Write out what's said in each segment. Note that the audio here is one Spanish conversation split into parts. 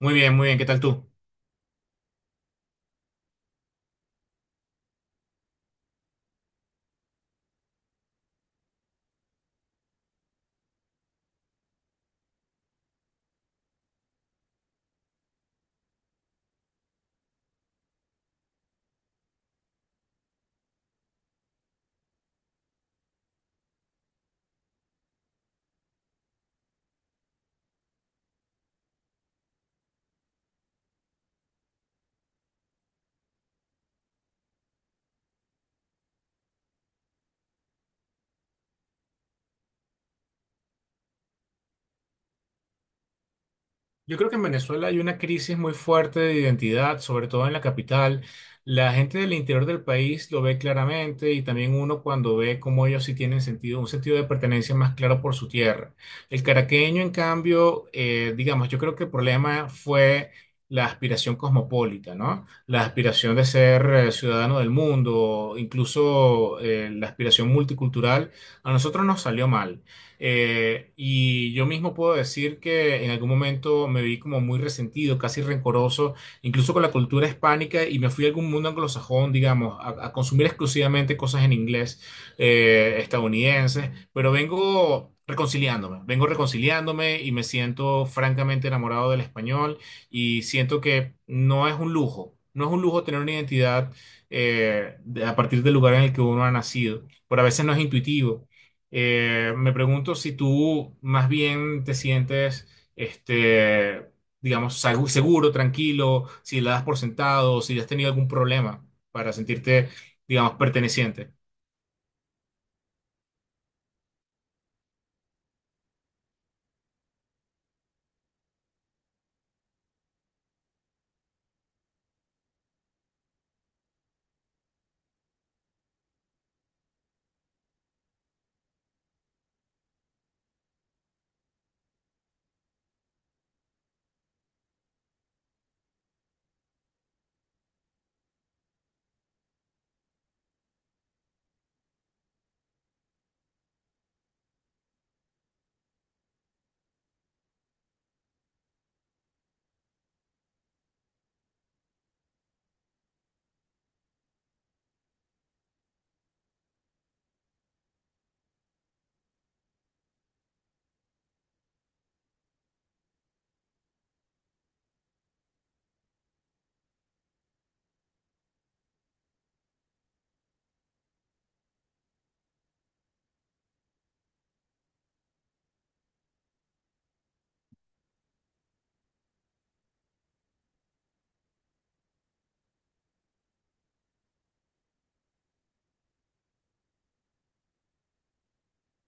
Muy bien, muy bien. ¿Qué tal tú? Yo creo que en Venezuela hay una crisis muy fuerte de identidad, sobre todo en la capital. La gente del interior del país lo ve claramente y también uno cuando ve cómo ellos sí tienen sentido, un sentido de pertenencia más claro por su tierra. El caraqueño, en cambio, digamos, yo creo que el problema fue la aspiración cosmopolita, ¿no? La aspiración de ser ciudadano del mundo, incluso la aspiración multicultural, a nosotros nos salió mal. Y yo mismo puedo decir que en algún momento me vi como muy resentido, casi rencoroso, incluso con la cultura hispánica, y me fui a algún mundo anglosajón, digamos, a consumir exclusivamente cosas en inglés, estadounidenses, pero vengo reconciliándome y me siento francamente enamorado del español y siento que no es un lujo, no es un lujo tener una identidad a partir del lugar en el que uno ha nacido, pero a veces no es intuitivo. Me pregunto si tú más bien te sientes, este, digamos, seguro, tranquilo, si la das por sentado, si has tenido algún problema para sentirte, digamos, perteneciente.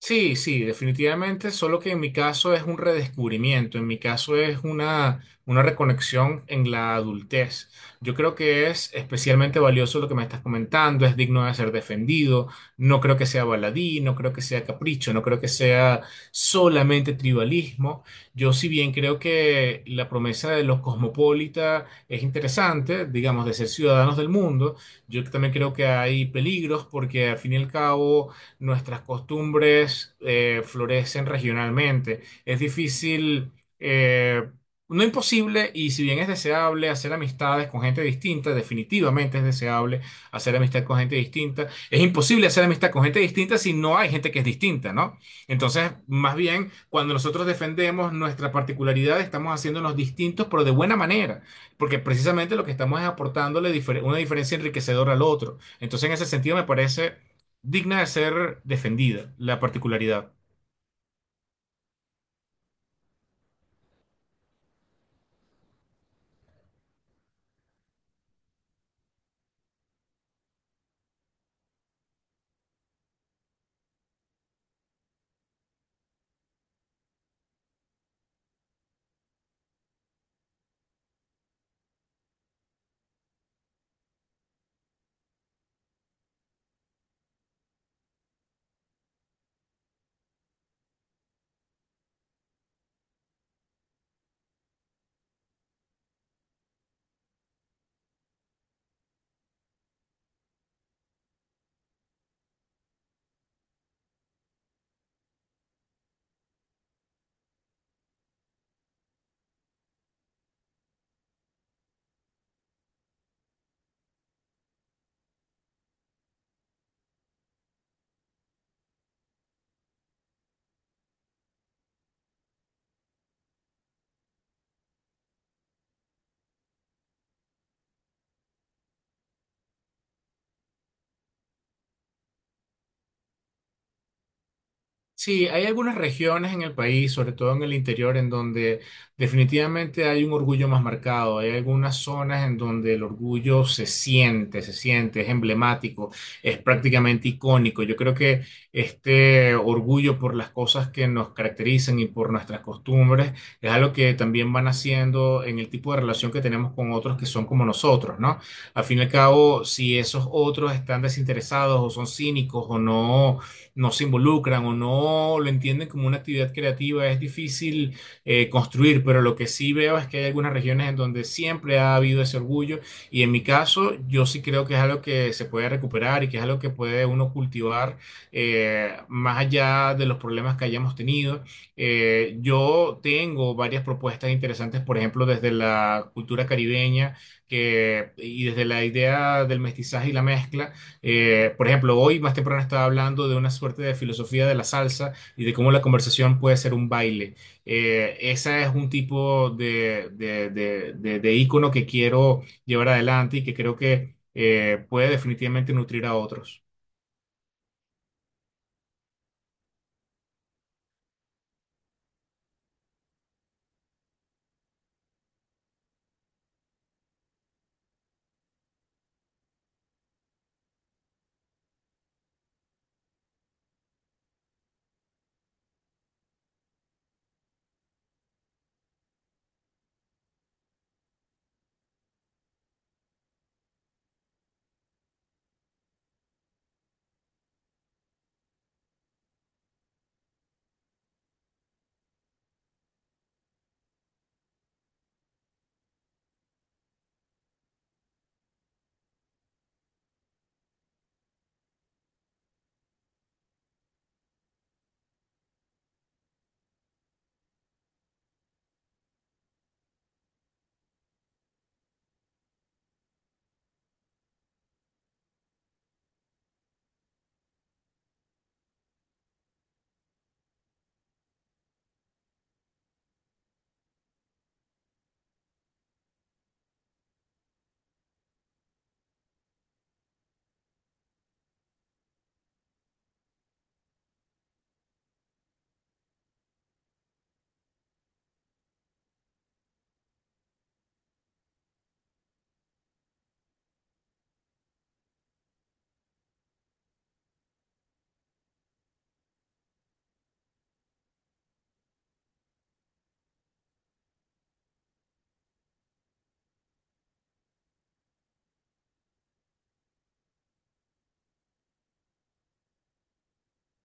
Sí, sí, definitivamente, solo que en mi caso es un redescubrimiento, en mi caso es una reconexión en la adultez. Yo creo que es especialmente valioso lo que me estás comentando, es digno de ser defendido, no creo que sea baladí, no creo que sea capricho, no creo que sea solamente tribalismo. Yo, si bien creo que la promesa de los cosmopolitas es interesante, digamos, de ser ciudadanos del mundo, yo también creo que hay peligros porque al fin y al cabo nuestras costumbres florecen regionalmente. Es difícil, eh, no imposible, y si bien es deseable hacer amistades con gente distinta, definitivamente es deseable hacer amistad con gente distinta, es imposible hacer amistad con gente distinta si no hay gente que es distinta, ¿no? Entonces, más bien, cuando nosotros defendemos nuestra particularidad, estamos haciéndonos distintos, pero de buena manera, porque precisamente lo que estamos es una diferencia enriquecedora al otro. Entonces, en ese sentido, me parece digna de ser defendida, la particularidad. Sí, hay algunas regiones en el país, sobre todo en el interior, en donde definitivamente hay un orgullo más marcado. Hay algunas zonas en donde el orgullo se siente, es emblemático, es prácticamente icónico. Yo creo que este orgullo por las cosas que nos caracterizan y por nuestras costumbres es algo que también van haciendo en el tipo de relación que tenemos con otros que son como nosotros, ¿no? Al fin y al cabo, si esos otros están desinteresados o son cínicos o no se involucran o no lo entienden como una actividad creativa, es difícil construir, pero lo que sí veo es que hay algunas regiones en donde siempre ha habido ese orgullo y en mi caso yo sí creo que es algo que se puede recuperar y que es algo que puede uno cultivar más allá de los problemas que hayamos tenido. Yo tengo varias propuestas interesantes, por ejemplo, desde la cultura caribeña que, y desde la idea del mestizaje y la mezcla, por ejemplo, hoy más temprano estaba hablando de una suerte de filosofía de la salsa y de cómo la conversación puede ser un baile. Ese es un tipo de ícono que quiero llevar adelante y que creo que puede definitivamente nutrir a otros.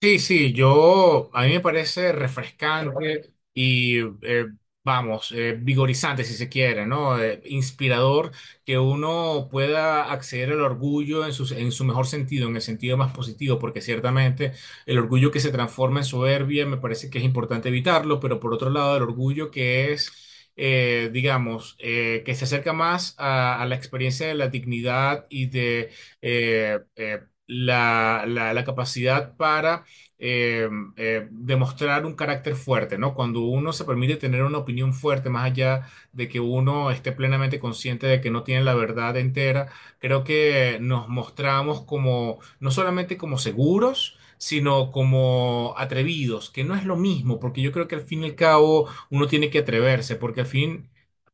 Sí, sí, yo, a mí me parece refrescante y, vamos, vigorizante si se quiere, ¿no? Inspirador que uno pueda acceder al orgullo en su mejor sentido, en el sentido más positivo, porque ciertamente el orgullo que se transforma en soberbia me parece que es importante evitarlo, pero por otro lado, el orgullo que es, digamos, que se acerca más a la experiencia de la dignidad y de... eh, eh, la capacidad para eh, demostrar un carácter fuerte, ¿no? Cuando uno se permite tener una opinión fuerte, más allá de que uno esté plenamente consciente de que no tiene la verdad entera, creo que nos mostramos como, no solamente como seguros, sino como atrevidos, que no es lo mismo, porque yo creo que al fin y al cabo uno tiene que atreverse, porque al fin,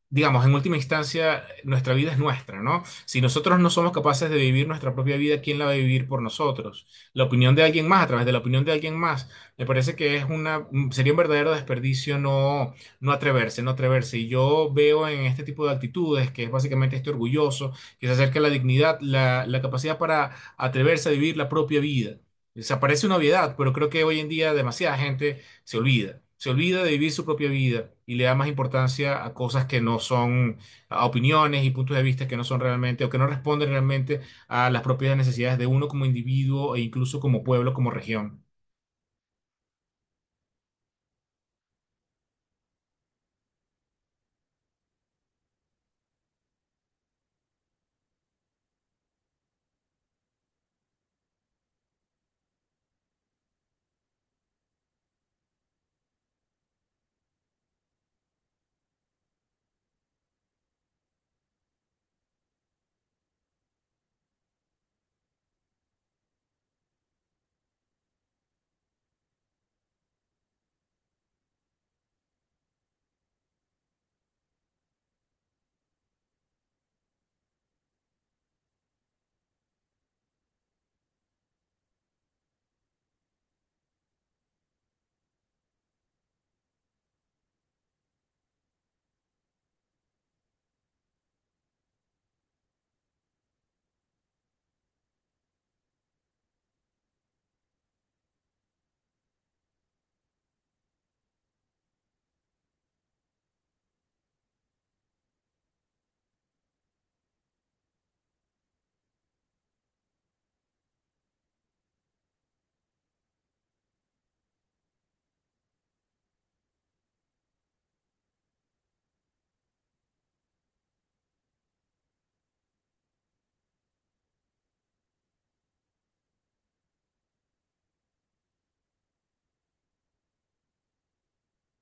digamos, en última instancia, nuestra vida es nuestra, ¿no? Si nosotros no somos capaces de vivir nuestra propia vida, ¿quién la va a vivir por nosotros? La opinión de alguien más, a través de la opinión de alguien más, me parece que es una, sería un verdadero desperdicio no, no atreverse, no atreverse. Y yo veo en este tipo de actitudes, que es básicamente este orgulloso, que se acerca a la dignidad, la capacidad para atreverse a vivir la propia vida. Se parece una obviedad, pero creo que hoy en día demasiada gente se olvida. Se olvida de vivir su propia vida y le da más importancia a cosas que no son, a opiniones y puntos de vista que no son realmente o que no responden realmente a las propias necesidades de uno como individuo e incluso como pueblo, como región.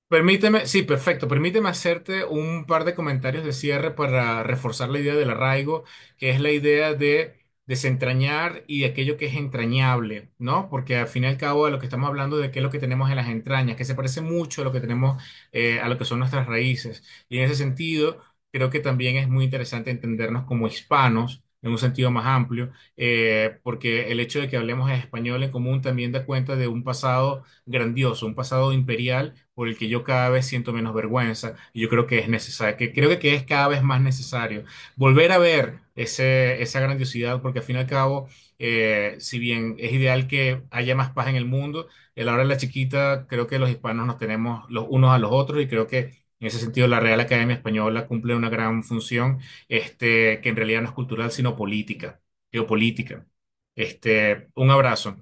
Permíteme, sí, perfecto. Permíteme hacerte un par de comentarios de cierre para reforzar la idea del arraigo, que es la idea de desentrañar y de aquello que es entrañable, ¿no? Porque al fin y al cabo de lo que estamos hablando de qué es lo que tenemos en las entrañas, que se parece mucho a lo que tenemos, a lo que son nuestras raíces. Y en ese sentido, creo que también es muy interesante entendernos como hispanos, en un sentido más amplio, porque el hecho de que hablemos español en común también da cuenta de un pasado grandioso, un pasado imperial por el que yo cada vez siento menos vergüenza y yo creo que es necesario, que creo que es cada vez más necesario volver a ver esa grandiosidad porque al fin y al cabo, si bien es ideal que haya más paz en el mundo, a la hora de la chiquita creo que los hispanos nos tenemos los unos a los otros y creo que en ese sentido, la Real Academia Española cumple una gran función, que en realidad no es cultural, sino política, geopolítica. Un abrazo.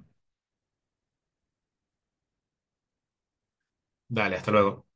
Dale, hasta luego.